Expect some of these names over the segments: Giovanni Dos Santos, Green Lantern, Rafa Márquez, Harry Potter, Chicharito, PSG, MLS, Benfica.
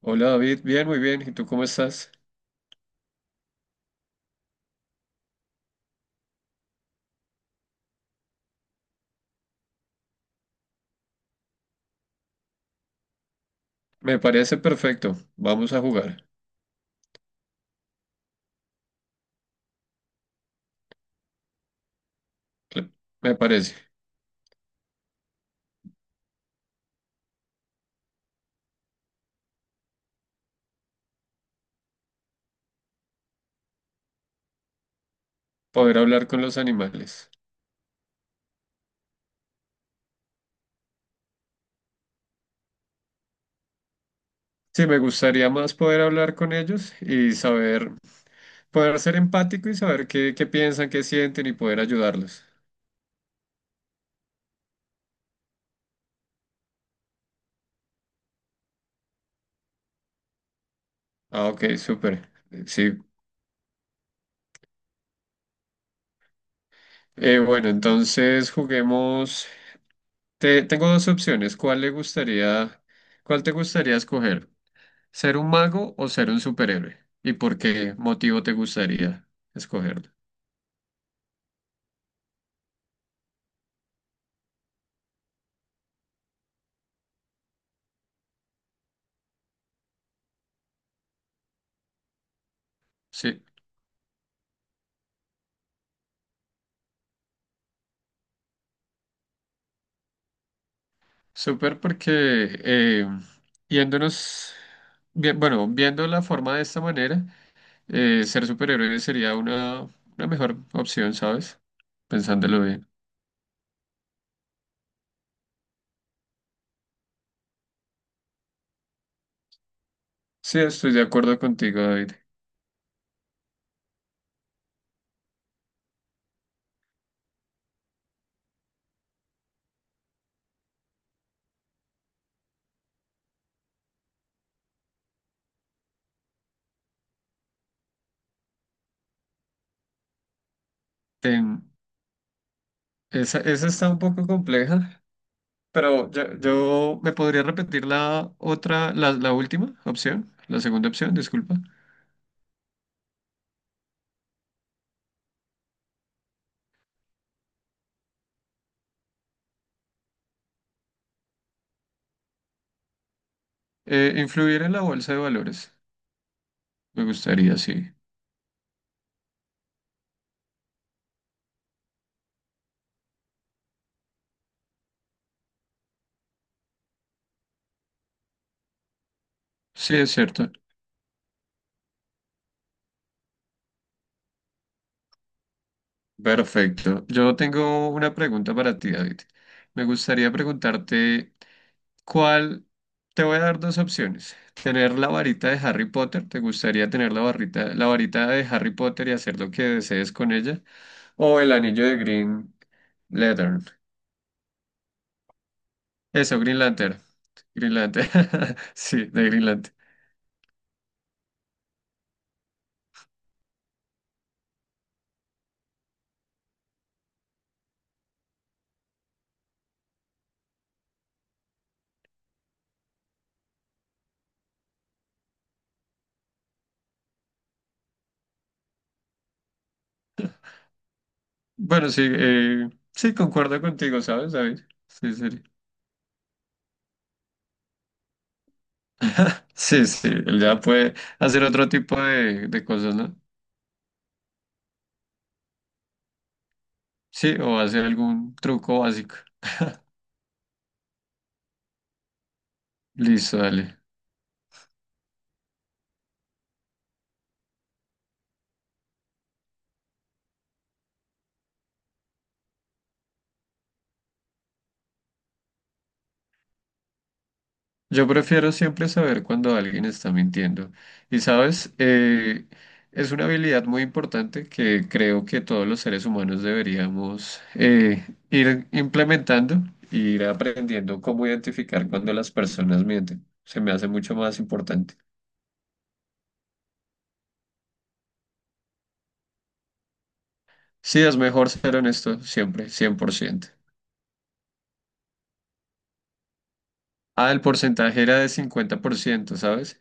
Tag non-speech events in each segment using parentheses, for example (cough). Hola David, bien, muy bien. ¿Y tú cómo estás? Me parece perfecto. Vamos a jugar. Cl- Me parece. Poder hablar con los animales. Sí, me gustaría más poder hablar con ellos y saber, poder ser empático y saber qué piensan, qué sienten y poder ayudarlos. Ah, ok, súper. Sí. Bueno, entonces juguemos. Tengo dos opciones. ¿Cuál te gustaría escoger? ¿Ser un mago o ser un superhéroe? ¿Y por qué motivo te gustaría escogerlo? Sí, súper porque eh, yéndonos, bien, bueno, viendo la forma de esta manera, ser superhéroe sería una mejor opción, ¿sabes? Pensándolo bien. Sí, estoy de acuerdo contigo, David. Em, esa está un poco compleja, pero yo me podría repetir la otra, la última opción, la segunda opción, disculpa. Influir en la bolsa de valores. Me gustaría, sí. Sí, es cierto. Perfecto. Yo tengo una pregunta para ti, David. Me gustaría preguntarte cuál, te voy a dar dos opciones. Tener la varita de Harry Potter, ¿te gustaría tener la varita de Harry Potter y hacer lo que desees con ella? O el anillo de Green Lantern. Eso, Green Lantern. Green Lantern. (laughs) Sí, de Green Lantern. Bueno, sí, sí, concuerdo contigo, ¿sabes, David? Sí, sí. Sí, sí, él ya puede hacer otro tipo de cosas, ¿no? Sí, o hacer algún truco básico. Listo, dale. Yo prefiero siempre saber cuando alguien está mintiendo. Y sabes, es una habilidad muy importante que creo que todos los seres humanos deberíamos ir implementando, e ir aprendiendo cómo identificar cuando las personas mienten. Se me hace mucho más importante. Sí, es mejor ser honesto siempre, 100%. Ah, el porcentaje era de 50%, ¿sabes?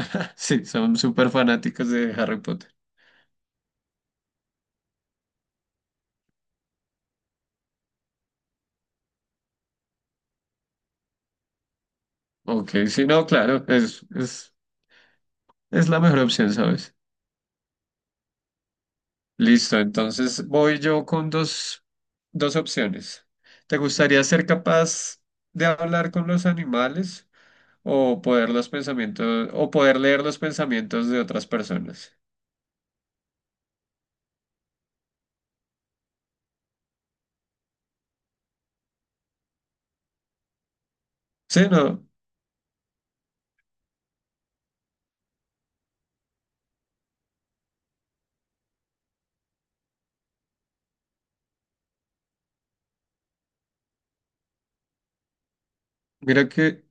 (laughs) Sí, son súper fanáticos de Harry Potter. Ok, sí, no, claro, es la mejor opción, ¿sabes? Listo, entonces voy yo con dos opciones. ¿Te gustaría ser capaz de hablar con los animales o poder leer los pensamientos de otras personas? Sí, no, mira que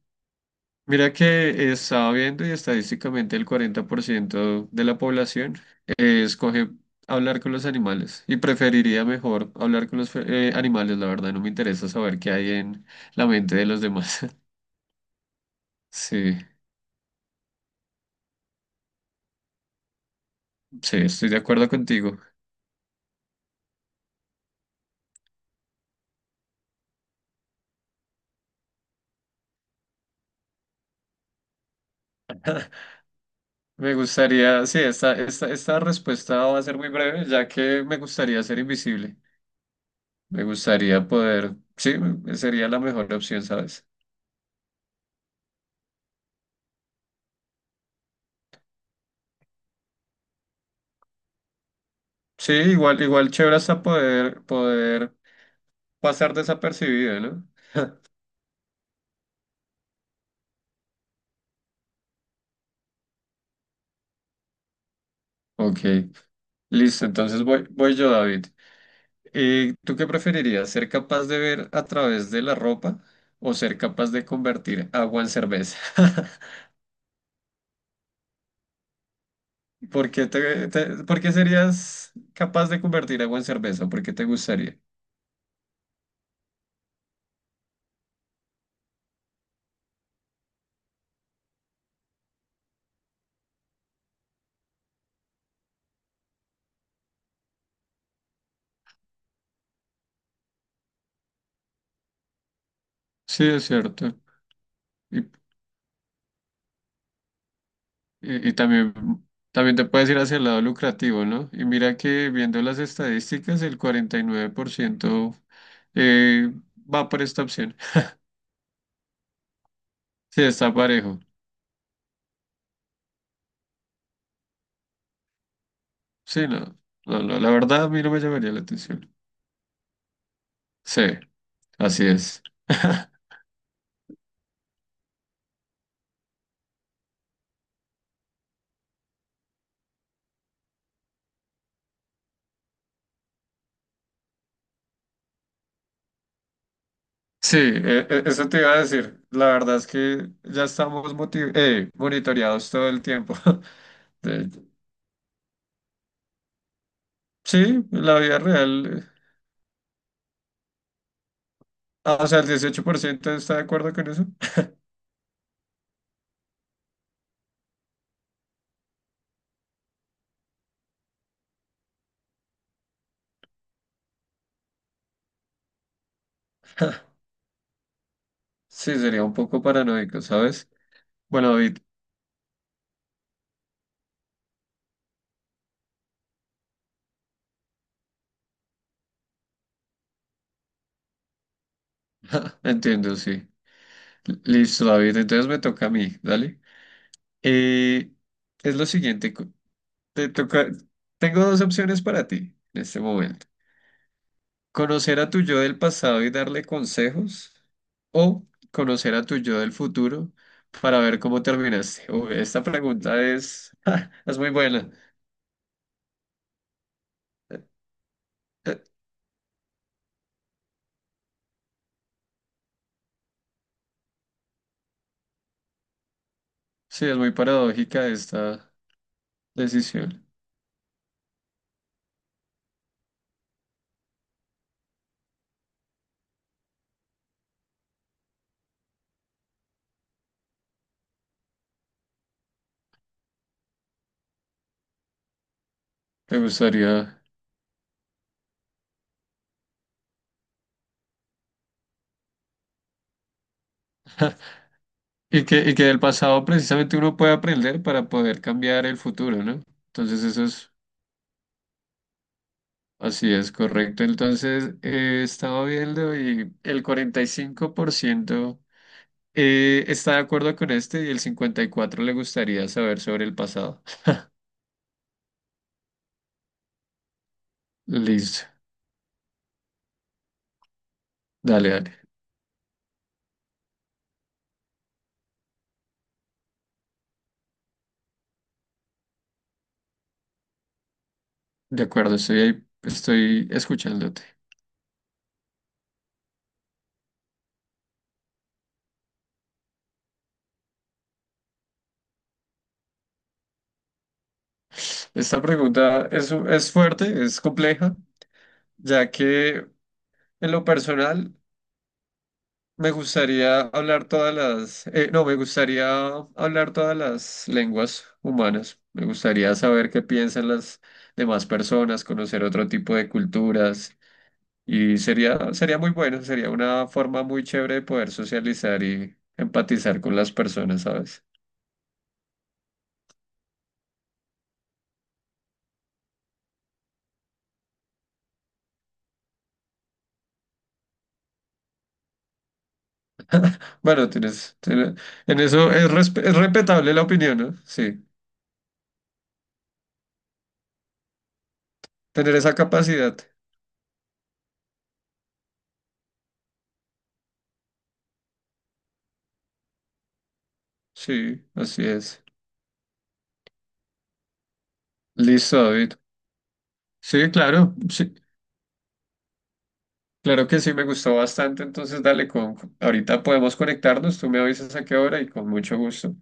Mira que estaba viendo y estadísticamente el 40% de la población escoge hablar con los animales y preferiría mejor hablar con animales, la verdad no me interesa saber qué hay en la mente de los demás. (laughs) Sí, sí, estoy de acuerdo contigo. Me gustaría, sí, esta respuesta va a ser muy breve, ya que me gustaría ser invisible. Me gustaría sí, sería la mejor opción, ¿sabes? Sí, igual chévere hasta poder pasar desapercibido, ¿no? Ok, listo, entonces voy yo, David. ¿Tú qué preferirías? ¿Ser capaz de ver a través de la ropa o ser capaz de convertir agua en cerveza? (laughs) ¿Por qué serías capaz de convertir agua en cerveza? ¿Por qué te gustaría? Sí, es cierto. Y, y también te puedes ir hacia el lado lucrativo, ¿no? Y mira que viendo las estadísticas, el 49% eh, va por esta opción. (laughs) Sí, está parejo. Sí, no, no, no, la verdad a mí no me llamaría la atención. Sí, así es. (laughs) Sí, eso te iba a decir. La verdad es que ya estamos monitoreados todo el tiempo. (laughs) De- sí, la vida real. Ah, o sea, el 18% está de acuerdo con eso. (laughs) Sí, sería un poco paranoico, ¿sabes? Bueno, David, (laughs) entiendo, sí. Listo, David, entonces me toca a mí, dale. Eh, es lo siguiente, te toca, tengo dos opciones para ti en este momento. ¿Conocer a tu yo del pasado y darle consejos? ¿O conocer a tu yo del futuro para ver cómo terminaste? Uy, esta pregunta es, (laughs) es muy buena. Eh, eh, Sí, es muy paradójica esta decisión. Me gustaría. Y que del pasado precisamente uno puede aprender para poder cambiar el futuro, ¿no? Entonces eso es, así es, correcto. Entonces estaba viendo y el 45%. Está de acuerdo con este y el 54 le gustaría saber sobre el pasado. Listo. Dale, dale. De acuerdo, estoy ahí, estoy escuchándote. Esta pregunta es fuerte, es compleja, ya que en lo personal me gustaría hablar no, me gustaría hablar todas las lenguas humanas. Me gustaría saber qué piensan las demás personas, conocer otro tipo de culturas. Y sería muy bueno, sería una forma muy chévere de poder socializar y empatizar con las personas, ¿sabes? (laughs) Bueno, en eso es respetable la opinión, ¿no? Sí, tener esa capacidad. Sí, así es. Listo, David. Sí, claro, sí, claro que sí, me gustó bastante. Entonces, ahorita podemos conectarnos, tú me avisas a qué hora y con mucho gusto.